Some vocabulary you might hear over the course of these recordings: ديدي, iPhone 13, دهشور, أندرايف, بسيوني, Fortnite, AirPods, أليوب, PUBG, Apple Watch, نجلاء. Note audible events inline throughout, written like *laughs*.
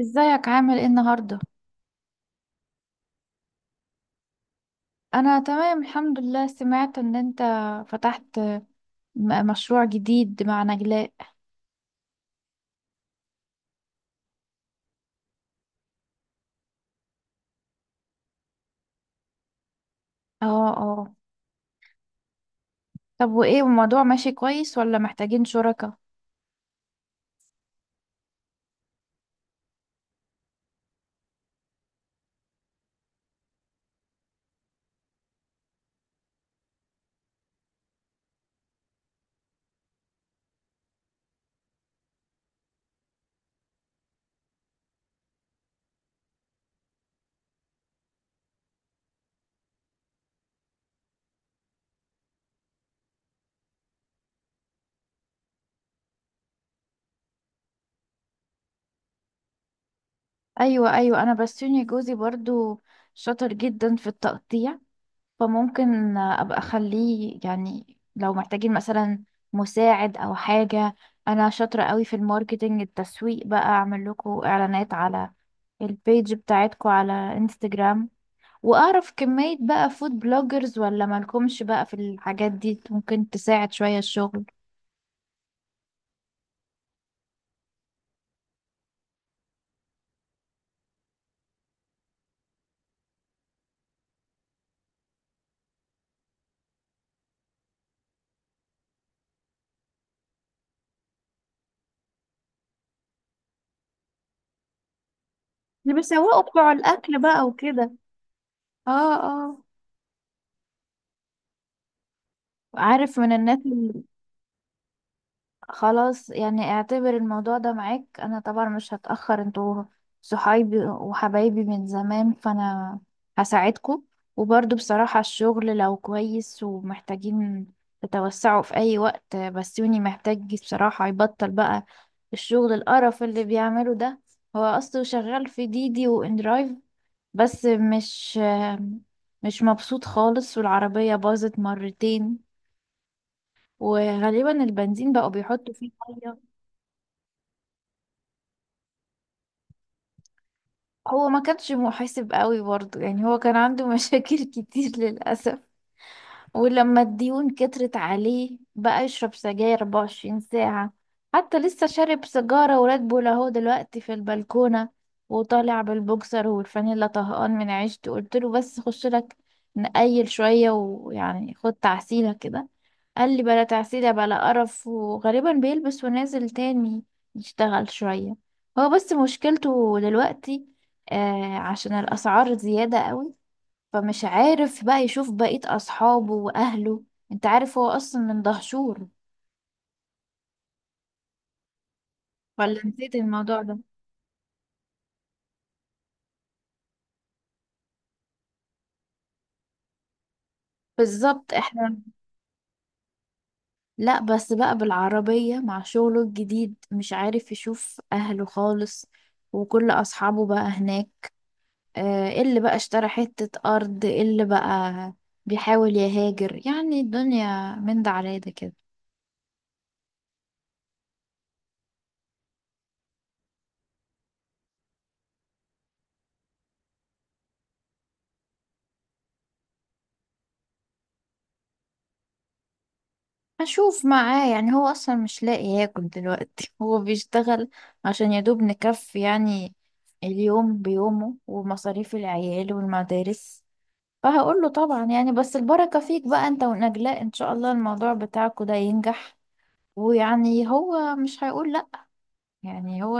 ازيك عامل ايه النهارده؟ انا تمام الحمد لله. سمعت ان انت فتحت مشروع جديد مع نجلاء. اه اه. طب وايه الموضوع، ماشي كويس ولا محتاجين شركاء؟ ايوه ايوه، انا بسوني جوزي برضو شاطر جدا في التقطيع، فممكن ابقى اخليه يعني لو محتاجين مثلا مساعد او حاجه. انا شاطره قوي في الماركتينج، التسويق بقى، اعمل لكم اعلانات على البيج بتاعتكم على انستجرام، واعرف كمية بقى فود بلوجرز ولا مالكمش بقى في الحاجات دي، ممكن تساعد شوية الشغل اللي بيسوقوا بتوع الاكل بقى وكده. اه. اه. عارف من الناس اللي خلاص، يعني اعتبر الموضوع ده معاك. انا طبعا مش هتأخر، انتوا صحايبي وحبايبي من زمان فانا هساعدكم. وبرضو بصراحة الشغل لو كويس ومحتاجين تتوسعوا في اي وقت، بسيوني محتاج بصراحة يبطل بقى الشغل القرف اللي بيعمله ده. هو اصله شغال في ديدي واندرايف، بس مش مبسوط خالص، والعربية باظت مرتين، وغالبا البنزين بقوا بيحطوا فيه مية. هو ما كانش محاسب قوي برضه، يعني هو كان عنده مشاكل *laughs* كتير للأسف، ولما الديون كترت عليه بقى يشرب سجاير 24 ساعة. حتى لسه شارب سيجارة وراد بول اهو دلوقتي في البلكونة، وطالع بالبوكسر والفانيلا طهقان من عيشته. قلت له بس خش لك نقيل شوية، ويعني خد تعسيلة كده. قال لي بلا تعسيلة بلا قرف، وغالبا بيلبس ونازل تاني يشتغل شوية. هو بس مشكلته دلوقتي عشان الأسعار زيادة قوي، فمش عارف بقى يشوف بقية أصحابه وأهله. انت عارف هو أصلا من دهشور، ولا نسيت الموضوع ده؟ بالظبط احنا. لا بس بقى بالعربية مع شغله الجديد مش عارف يشوف أهله خالص، وكل أصحابه بقى هناك، اللي بقى اشترى حتة أرض، اللي بقى بيحاول يهاجر. يعني الدنيا من ده على ده كده. هشوف معاه، يعني هو أصلا مش لاقي ياكل دلوقتي *laughs* هو بيشتغل عشان يدوب نكفي، يعني اليوم بيومه ومصاريف العيال والمدارس. فهقول له طبعا، يعني بس البركة فيك بقى انت ونجلاء، ان شاء الله الموضوع بتاعكوا ده ينجح. ويعني هو مش هيقول لأ، يعني هو.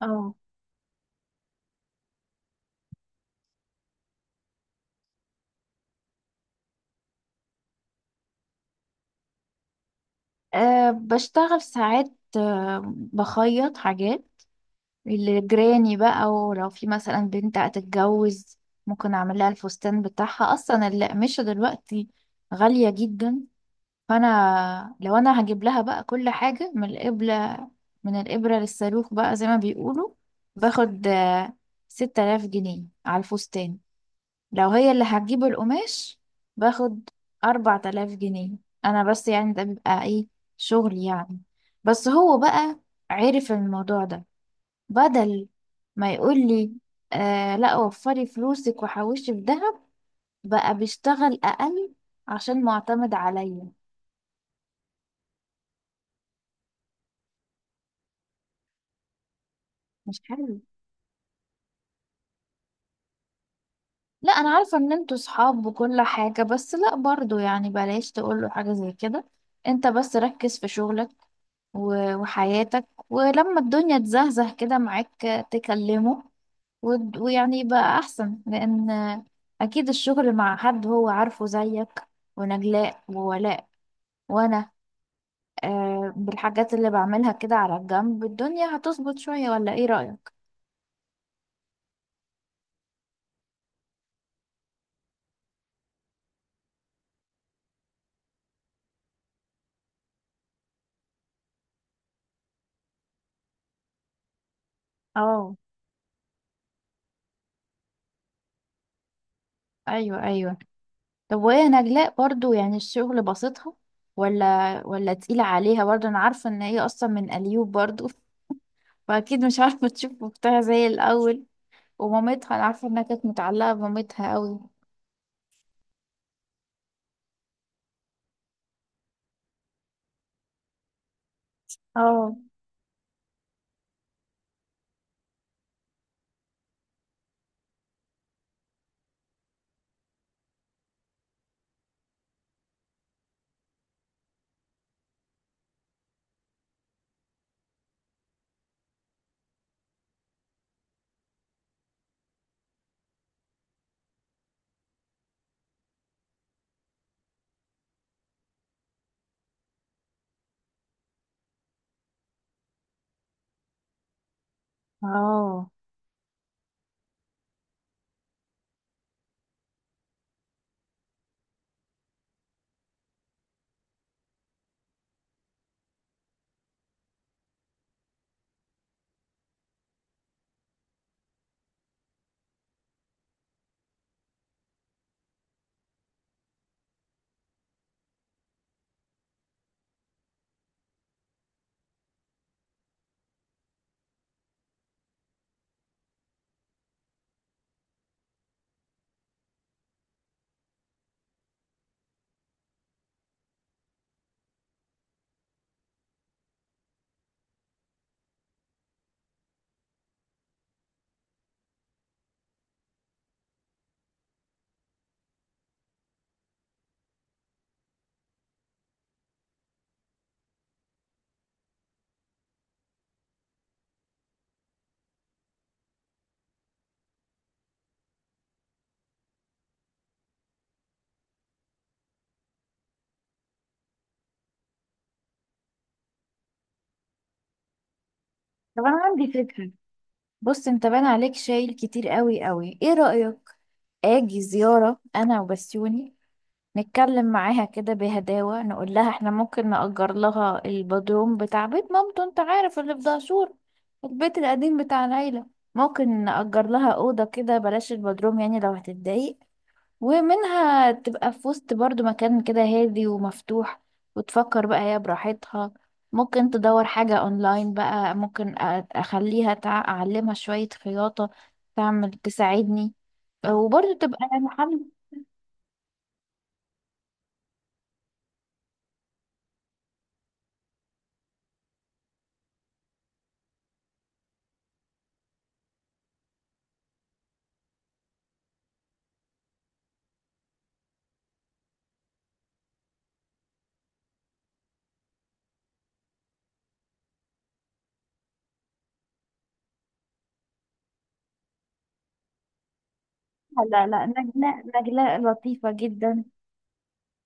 اه. أه بشتغل ساعات، أه بخيط حاجات لجيراني بقى، ولو في مثلا بنت هتتجوز ممكن اعمل لها الفستان بتاعها. اصلا القماشة دلوقتي غالية جدا، فانا لو انا هجيب لها بقى كل حاجة، من الإبرة، من الإبرة للصاروخ بقى زي ما بيقولوا، باخد 6000 جنيه على الفستان. لو هي اللي هتجيب القماش باخد 4000 جنيه. أنا بس يعني ده بيبقى إيه، شغل يعني. بس هو بقى عرف الموضوع ده، بدل ما يقول لي آه لا وفري فلوسك وحوشي في دهب، بقى بيشتغل أقل عشان معتمد عليا. مش حلو. لا أنا عارفة إن انتوا صحاب وكل حاجة، بس لا برضو يعني بلاش تقوله حاجة زي كده. انت بس ركز في شغلك وحياتك، ولما الدنيا تزهزه كده معاك تكلمه، ويعني يبقى أحسن، لأن أكيد الشغل مع حد هو عارفه زيك ونجلاء وولاء وأنا، بالحاجات اللي بعملها كده على الجنب، الدنيا هتظبط شوية، ولا إيه رأيك؟ اه أيوه أيوه. طب وهي نجلاء برضو يعني الشغل بسيطها ولا تقيلة عليها؟ برضو أنا عارفة إن هي أصلا من أليوب برضو *laughs* فأكيد مش عارفة تشوف أختها زي الأول ومامتها. انا عارفه انها كانت متعلقه بمامتها قوي. اه اه. طب انا عندي فكرة. بص، انت بان عليك شايل كتير قوي قوي. ايه رايك اجي زياره انا وبسيوني، نتكلم معاها كده بهداوه، نقول لها احنا ممكن نأجر لها البدروم بتاع بيت مامته، انت عارف اللي في دهشور، البيت القديم بتاع العيله. ممكن نأجر لها اوضه كده، بلاش البدروم يعني لو هتتضايق، ومنها تبقى في وسط برضو، مكان كده هادي ومفتوح، وتفكر بقى هي براحتها. ممكن تدور حاجة اونلاين بقى، ممكن اخليها اعلمها شوية خياطة، تعمل تساعدني، وبرضو تبقى يعني حاجة. لا نجلة لطيفة جدا.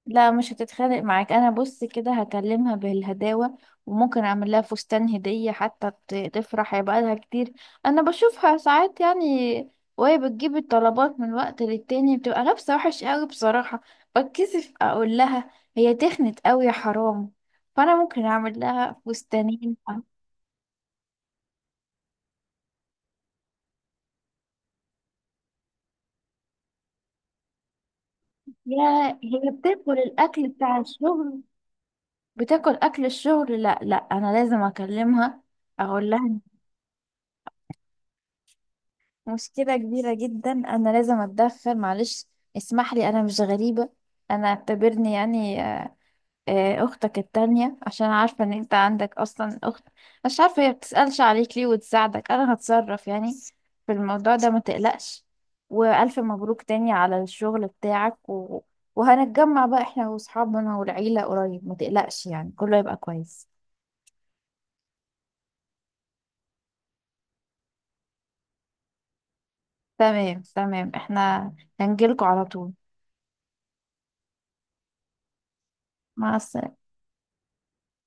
لا مش هتتخانق معاك. انا بص كده هكلمها بالهداوة، وممكن اعمل لها فستان هدية حتى تفرح، هيبقى لها كتير. انا بشوفها ساعات يعني، وهي بتجيب الطلبات من وقت للتاني بتبقى لابسة وحش قوي بصراحة، بتكسف اقول لها، هي تخنت قوي يا حرام، فانا ممكن اعمل لها فستانين. يا هي بتاكل الاكل بتاع الشغل. بتاكل اكل الشغل. لا انا لازم اكلمها، اقول لها. مشكلة كبيرة جدا، أنا لازم أتدخل، معلش اسمح لي. أنا مش غريبة، أنا اعتبرني يعني أختك التانية، عشان عارفة إن أنت عندك أصلا أخت مش عارفة هي بتسألش عليك ليه وتساعدك. أنا هتصرف يعني في الموضوع ده، ما تقلقش. وألف مبروك تاني على الشغل بتاعك و... وهنتجمع بقى إحنا وأصحابنا والعيلة قريب، ما تقلقش، يعني كله هيبقى كويس. تمام تمام، إحنا هنجيلكوا على طول. مع السلامة.